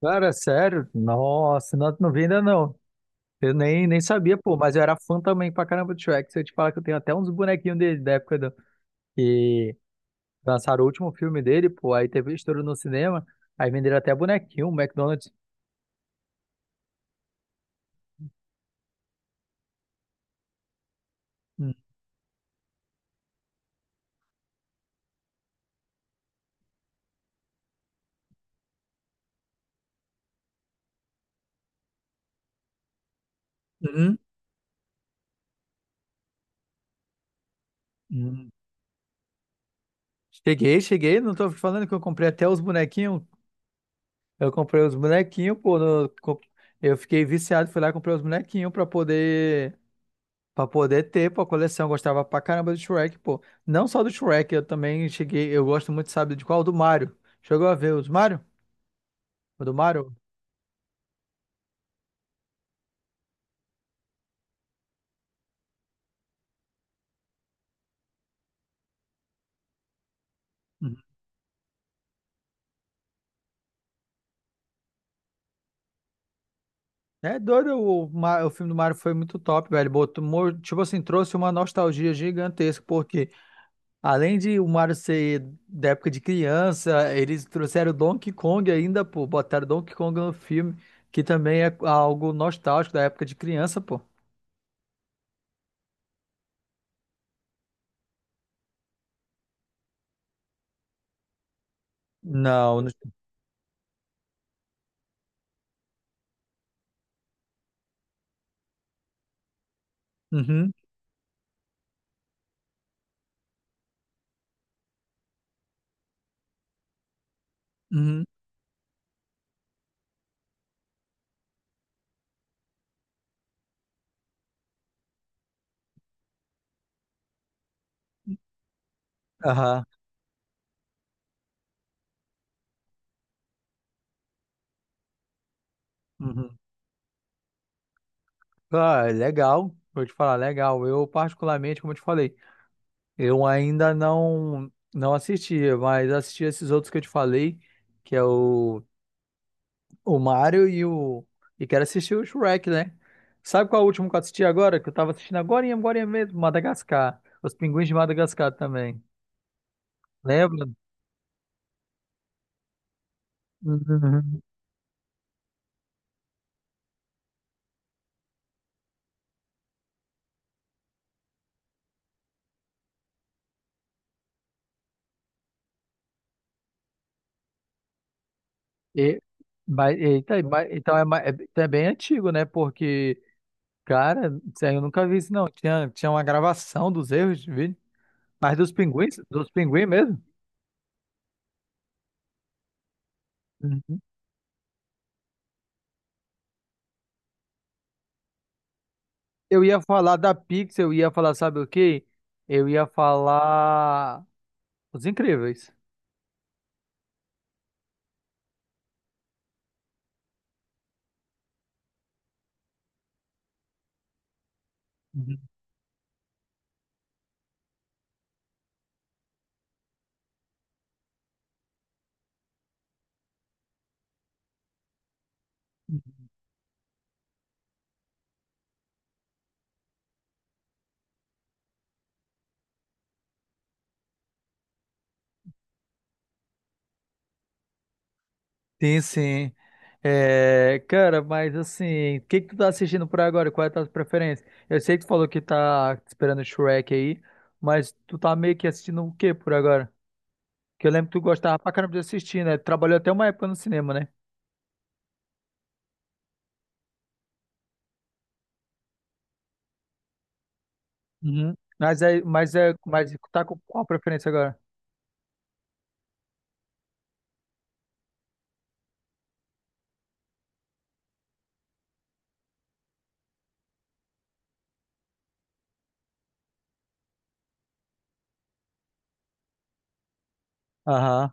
Cara, sério? Nossa, não, não vi ainda não. Eu nem sabia, pô, mas eu era fã também pra caramba do Shrek. Se eu te falar que eu tenho até uns bonequinhos dele da época que lançaram o último filme dele, pô, aí teve um estouro no cinema, aí venderam até bonequinho, um McDonald's. Hum, hum, hum. Cheguei, cheguei, não tô falando que eu comprei até os bonequinhos. Eu comprei os bonequinhos, pô, eu fiquei viciado, fui lá e comprei os bonequinhos pra poder. Pra poder ter, pô, a coleção. Eu gostava pra caramba do Shrek, pô. Não só do Shrek, eu também cheguei. Eu gosto muito, sabe, de qual? Do Mario. Chegou a ver os Mario? O do Mario? Uhum. É doido, o filme do Mario foi muito top, velho. Botou, tipo assim, trouxe uma nostalgia gigantesca, porque além de o Mario ser da época de criança, eles trouxeram o Donkey Kong ainda, pô. Botaram Donkey Kong no filme, que também é algo nostálgico da época de criança, pô. Não, uhum, uhum, aham. Uhum. Ah, é legal, vou te falar, legal. Eu, particularmente, como eu te falei, eu ainda não assisti, mas assisti esses outros que eu te falei, que é o Mario e o. E quero assistir o Shrek, né? Sabe qual é o último que eu assisti agora? Que eu tava assistindo agora e agora mesmo, Madagascar. Os Pinguins de Madagascar também. Lembra? Uhum. E, mas, eita, então é bem antigo, né? Porque, cara, isso aí eu nunca vi isso, não. Tinha uma gravação dos erros, viu? Mas dos pinguins? Dos pinguins mesmo? Uhum. Eu ia falar, sabe o quê? Eu ia falar Os Incríveis. Uhum. Sim, sim. É, cara, mas assim, o que que tu tá assistindo por agora? Qual é a tua preferência? Eu sei que tu falou que tá esperando o Shrek aí, mas tu tá meio que assistindo o quê por agora? Que eu lembro que tu gostava pra caramba de assistir, né? Trabalhou até uma época no cinema, né? Uhum. Mas tá com qual preferência agora? Aham.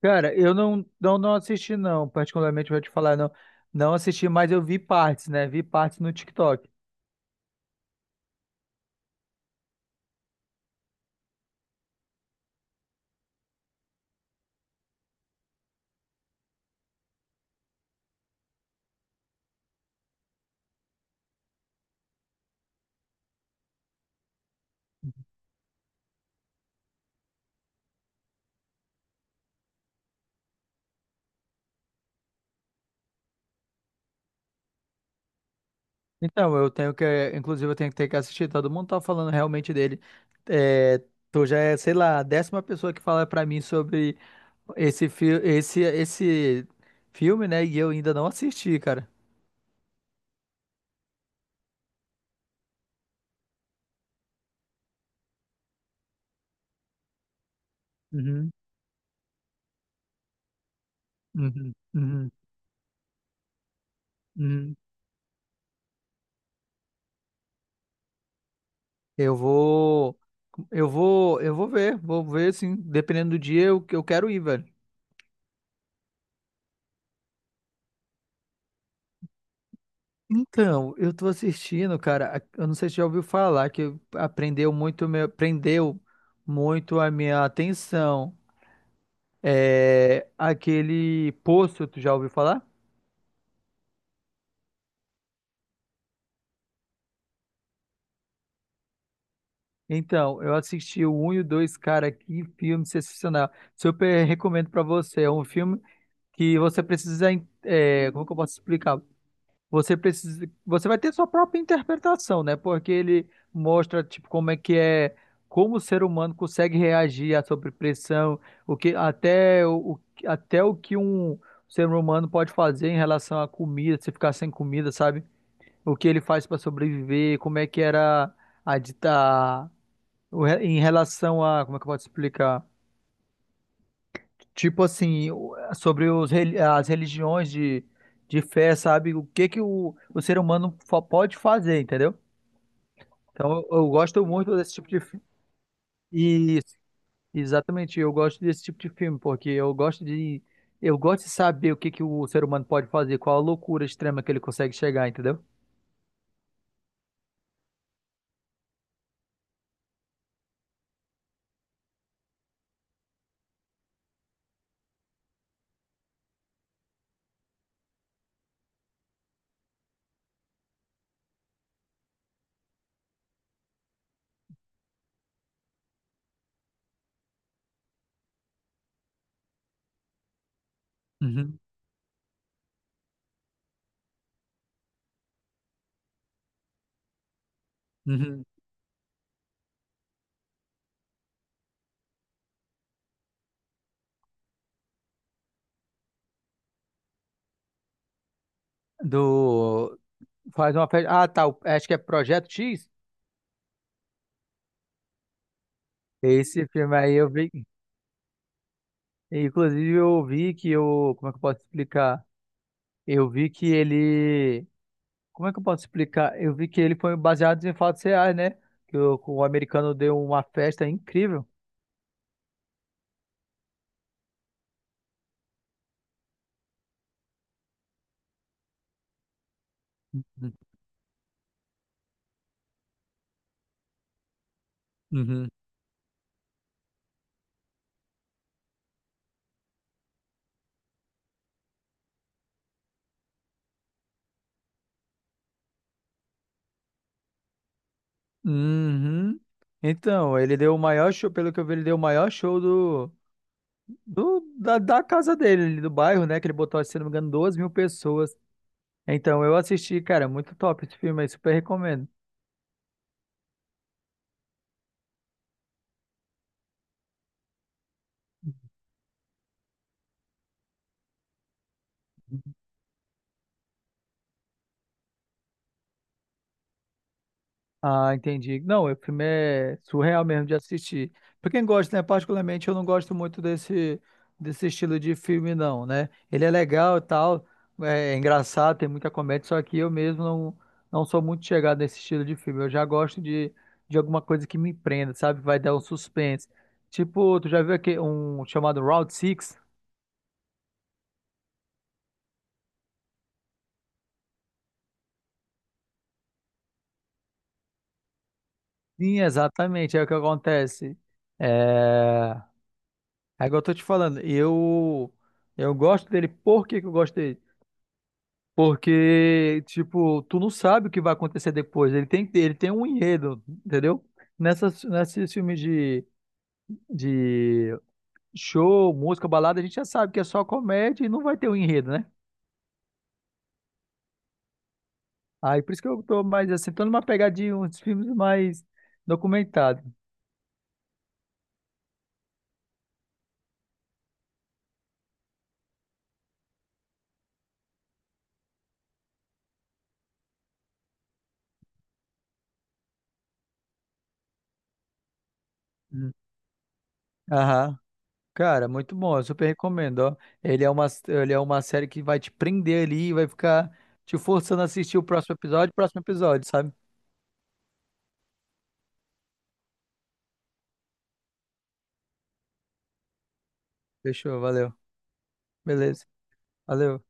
Cara, eu não assisti, não, particularmente vou te falar, não. Não assisti, mas eu vi partes, né? Vi partes no TikTok. Então, eu tenho que, inclusive, eu tenho que ter que assistir. Todo mundo tá falando realmente dele. É, tu já é, sei lá, a décima pessoa que fala pra mim sobre esse filme, né? E eu ainda não assisti, cara. Uhum, uhum, uhum, uhum. Eu vou, eu vou, eu vou ver, assim, dependendo do dia, eu quero ir, velho. Então, eu tô assistindo, cara, eu não sei se já ouviu falar que prendeu muito a minha atenção. É aquele Poço, tu já ouviu falar? Então, eu assisti o 1 e o 2, cara, que filme sensacional. Super recomendo pra você. É um filme que você precisa, é, como que eu posso explicar? Você precisa, você vai ter sua própria interpretação, né? Porque ele mostra tipo como é que é, como o ser humano consegue reagir à sobrepressão, o que até até o que um ser humano pode fazer em relação à comida, se ficar sem comida, sabe? O que ele faz para sobreviver, como é que era a dita em relação a, como é que eu posso explicar? Tipo assim, sobre as religiões de fé, sabe? O que que o ser humano pode fazer, entendeu? Então eu gosto muito desse tipo de filme. Isso, exatamente. Eu gosto desse tipo de filme, porque eu gosto de saber o que que o ser humano pode fazer, qual a loucura extrema que ele consegue chegar, entendeu? Uhum, uhum. Do. Faz uma festa. Ah, tá. Acho que é Projeto X. Esse filme aí eu vi. Inclusive, eu vi que o. Como é que eu posso explicar? Eu vi que ele. Como é que eu posso explicar? Eu vi que ele foi baseado em fatos reais, né? Que o americano deu uma festa incrível. Uhum. Uhum. Então, ele deu o maior show, pelo que eu vi, ele deu o maior show da casa dele, ali do bairro, né? Que ele botou, se não me engano, 2 mil pessoas. Então, eu assisti, cara, muito top esse filme aí, super recomendo. Ah, entendi. Não, o filme é surreal mesmo de assistir. Pra quem gosta, né? Particularmente eu não gosto muito desse estilo de filme, não, né? Ele é legal e tal, é engraçado, tem muita comédia, só que eu mesmo não sou muito chegado nesse estilo de filme. Eu já gosto de alguma coisa que me prenda, sabe? Vai dar um suspense. Tipo, tu já viu aqui um chamado Round Six? Sim, exatamente, é o que acontece. É... É igual eu tô te falando, eu gosto dele, por que que eu gosto dele? Porque, tipo, tu não sabe o que vai acontecer depois. Ele tem um enredo, entendeu? Nesses filmes de show, música, balada, a gente já sabe que é só comédia e não vai ter um enredo, né? Aí por isso que eu tô mais assim, tô numa pegadinha, uns filmes mais documentados. Hum. Aham. Cara, muito bom, eu super recomendo, ó. Ele é uma série que vai te prender ali e vai ficar te forçando a assistir o próximo episódio, sabe? Fechou, valeu. Beleza. Valeu.